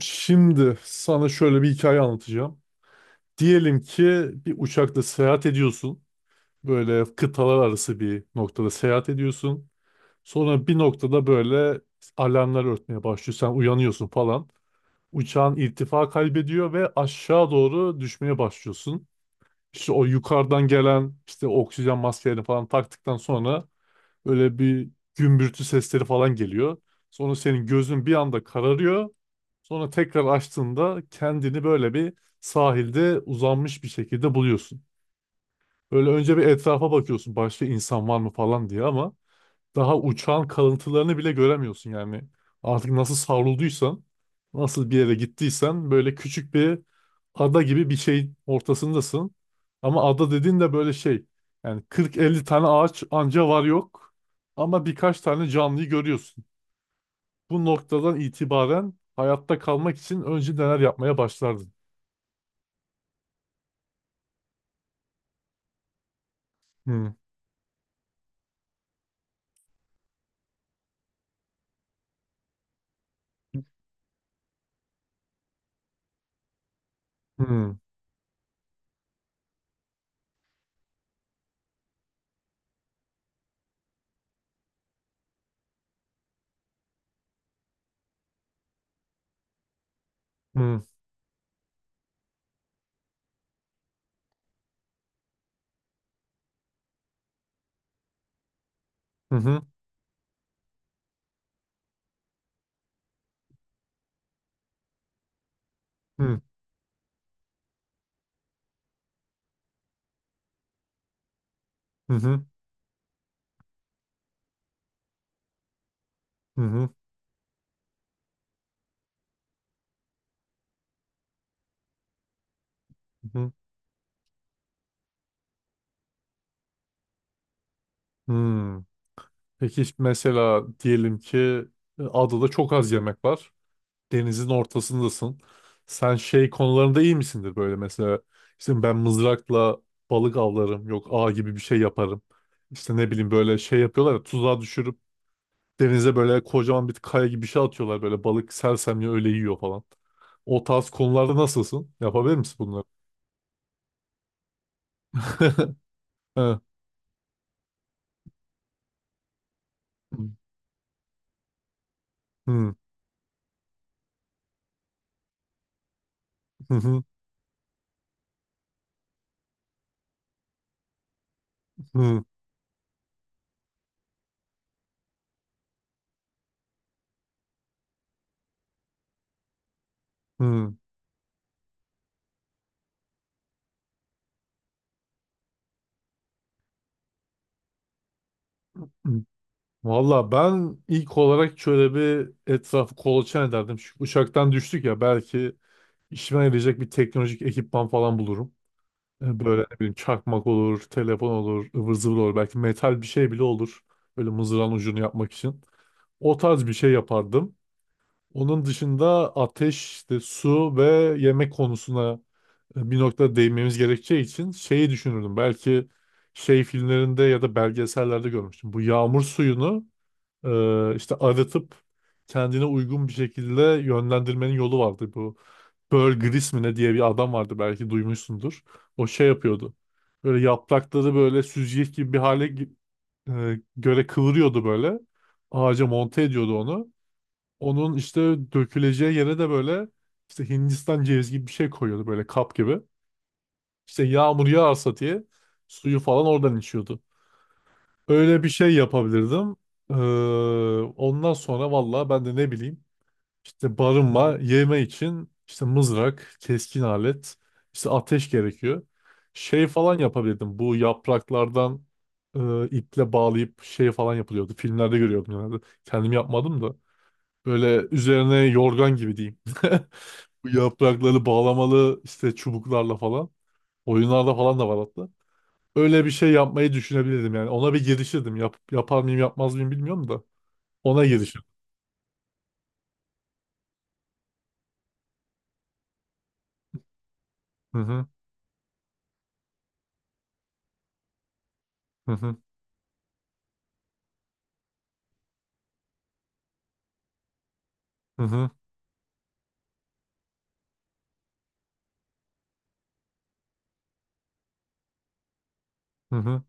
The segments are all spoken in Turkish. Şimdi sana şöyle bir hikaye anlatacağım. Diyelim ki bir uçakla seyahat ediyorsun. Böyle kıtalar arası bir noktada seyahat ediyorsun. Sonra bir noktada böyle alarmlar örtmeye başlıyor. Sen uyanıyorsun falan. Uçağın irtifa kaybediyor ve aşağı doğru düşmeye başlıyorsun. İşte o yukarıdan gelen işte oksijen maskelerini falan taktıktan sonra böyle bir gümbürtü sesleri falan geliyor. Sonra senin gözün bir anda kararıyor. Sonra tekrar açtığında kendini böyle bir sahilde uzanmış bir şekilde buluyorsun. Böyle önce bir etrafa bakıyorsun, başka insan var mı falan diye, ama daha uçağın kalıntılarını bile göremiyorsun yani. Artık nasıl savrulduysan, nasıl bir yere gittiysen, böyle küçük bir ada gibi bir şeyin ortasındasın. Ama ada dediğin de böyle şey, yani 40-50 tane ağaç anca var yok, ama birkaç tane canlıyı görüyorsun. Bu noktadan itibaren hayatta kalmak için önce neler yapmaya başlardın? Hmm. Hmm. Hmm. Hı hı. Hı hı. Hı hı. Hı hı. Hı hı. Peki mesela diyelim ki adada çok az yemek var. Denizin ortasındasın. Sen şey konularında iyi misindir böyle mesela? İşte ben mızrakla balık avlarım. Yok, ağ gibi bir şey yaparım. İşte ne bileyim, böyle şey yapıyorlar ya, tuzağa düşürüp denize böyle kocaman bir kaya gibi bir şey atıyorlar. Böyle balık sersemle öyle yiyor falan. O tarz konularda nasılsın? Yapabilir misin bunları? Hı. Hı. Hı. Hı. Hı. Hı. Valla ben ilk olarak şöyle bir etrafı kolaçan ederdim. Çünkü uçaktan düştük ya, belki işime yarayacak bir teknolojik ekipman falan bulurum. Böyle ne bileyim, çakmak olur, telefon olur, ıvır zıvır olur. Belki metal bir şey bile olur. Böyle mızrağın ucunu yapmak için. O tarz bir şey yapardım. Onun dışında ateş, işte su ve yemek konusuna bir noktada değinmemiz gerekeceği için şeyi düşünürdüm. Belki şey, filmlerinde ya da belgesellerde görmüştüm. Bu yağmur suyunu işte arıtıp kendine uygun bir şekilde yönlendirmenin yolu vardı. Bu Pearl Gris mi ne diye bir adam vardı, belki duymuşsundur. O şey yapıyordu. Böyle yaprakları böyle süzgeç gibi bir hale göre kıvırıyordu böyle. Ağaca monte ediyordu onu. Onun işte döküleceği yere de böyle işte Hindistan cevizi gibi bir şey koyuyordu, böyle kap gibi. İşte yağmur yağarsa diye suyu falan oradan içiyordu. Öyle bir şey yapabilirdim. Ee, ondan sonra valla ben de ne bileyim, işte barınma, yeme için işte mızrak, keskin alet, işte ateş gerekiyor. Şey falan yapabilirdim. Bu yapraklardan iple bağlayıp şey falan yapılıyordu. Filmlerde görüyordum genelde. Kendim yapmadım da. Böyle üzerine yorgan gibi diyeyim. Bu yaprakları bağlamalı işte çubuklarla falan. Oyunlarda falan da var hatta, öyle bir şey yapmayı düşünebilirdim yani. Ona bir girişirdim. Yap, yapar mıyım yapmaz mıyım bilmiyorum da. Ona girişirdim. Hı. Hı. Hı. Hı. Hı. Hı. Hı. Hı.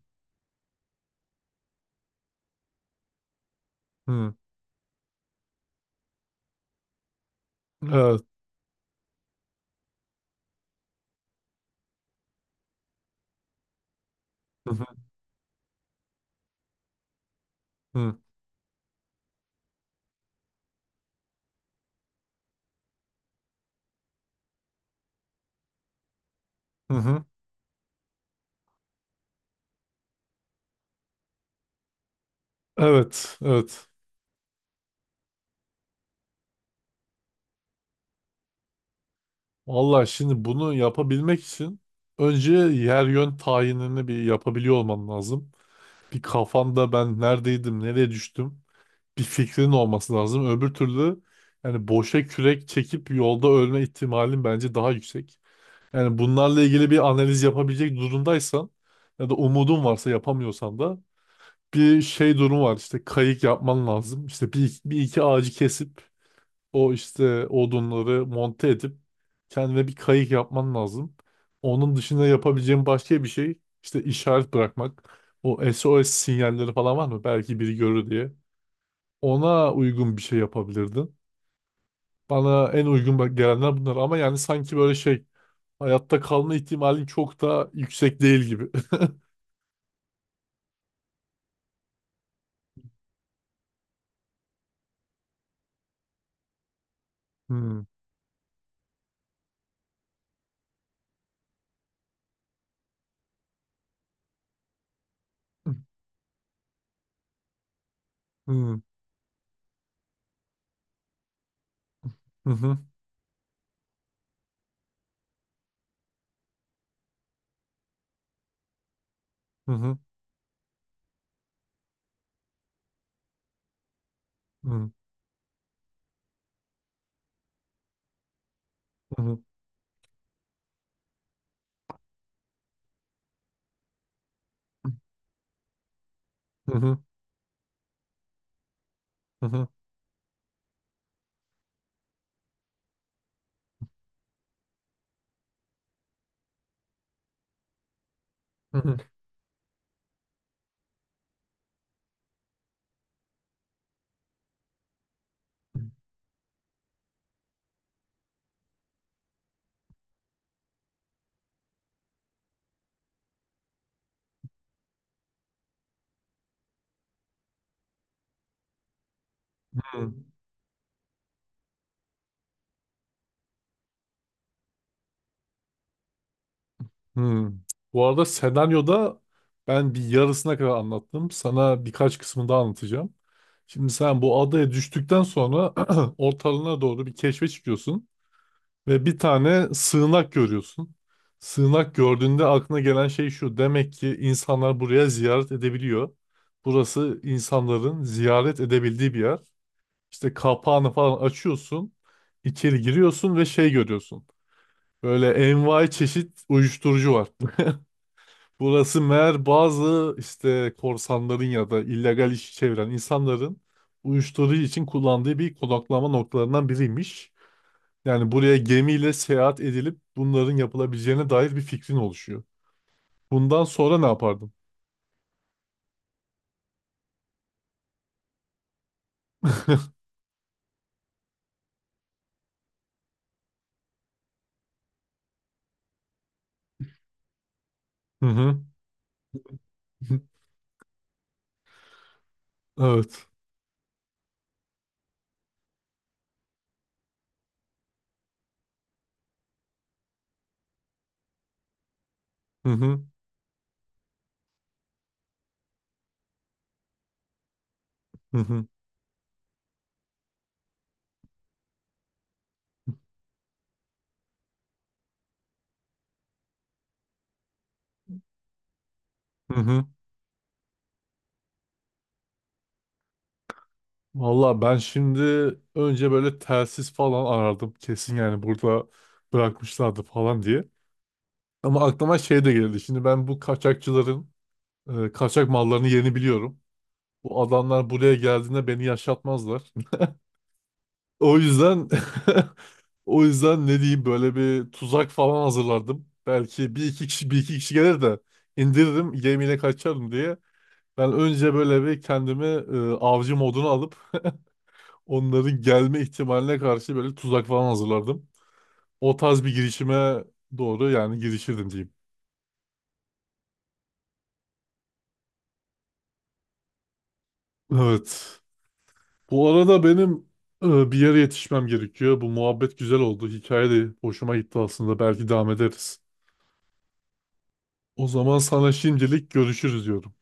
Hı. Evet. Hı. Hı. Hı. Hı. Hı. Evet, evet. Vallahi şimdi bunu yapabilmek için önce yer yön tayinini bir yapabiliyor olman lazım. Bir, kafanda ben neredeydim, nereye düştüm, bir fikrin olması lazım. Öbür türlü yani boşa kürek çekip yolda ölme ihtimalin bence daha yüksek. Yani bunlarla ilgili bir analiz yapabilecek durumdaysan ya da umudun varsa, yapamıyorsan da bir şey durum var, işte kayık yapman lazım. İşte bir iki ağacı kesip o işte odunları monte edip kendine bir kayık yapman lazım. Onun dışında yapabileceğin başka bir şey işte işaret bırakmak. O SOS sinyalleri falan var mı? Belki biri görür diye. Ona uygun bir şey yapabilirdin. Bana en uygun gelenler bunlar, ama yani sanki böyle şey, hayatta kalma ihtimalin çok da yüksek değil gibi. Hmm. Hmm. Hı hı. Hı hı. Hı hı. Hı hı. Hı hı. Hı hı. Hmm. Hmm. Bu arada senaryoda ben bir yarısına kadar anlattım. Sana birkaç kısmını daha anlatacağım. Şimdi sen bu adaya düştükten sonra ortalığına doğru bir keşfe çıkıyorsun. Ve bir tane sığınak görüyorsun. Sığınak gördüğünde aklına gelen şey şu: demek ki insanlar buraya ziyaret edebiliyor. Burası insanların ziyaret edebildiği bir yer. İşte kapağını falan açıyorsun, içeri giriyorsun ve şey görüyorsun. Böyle envai çeşit uyuşturucu var. Burası meğer bazı işte korsanların ya da illegal işi çeviren insanların uyuşturucu için kullandığı bir konaklama noktalarından biriymiş. Yani buraya gemiyle seyahat edilip bunların yapılabileceğine dair bir fikrin oluşuyor. Bundan sonra ne yapardım? Hı hı. Evet. Hı hı. Hı hı. Hı hı. Valla ben şimdi önce böyle telsiz falan arardım. Kesin yani burada bırakmışlardı falan diye. Ama aklıma şey de geldi. Şimdi ben bu kaçakçıların kaçak mallarını yerini biliyorum. Bu adamlar buraya geldiğinde beni yaşatmazlar. O yüzden o yüzden ne diyeyim, böyle bir tuzak falan hazırlardım. Belki bir iki kişi bir iki kişi gelir de indiririm, gemiyle kaçarım diye. Ben önce böyle bir kendimi avcı moduna alıp onların gelme ihtimaline karşı böyle tuzak falan hazırlardım. O tarz bir girişime doğru yani girişirdim diyeyim. Evet. Bu arada benim bir yere yetişmem gerekiyor. Bu muhabbet güzel oldu. Hikaye de hoşuma gitti aslında. Belki devam ederiz. O zaman sana şimdilik görüşürüz diyorum.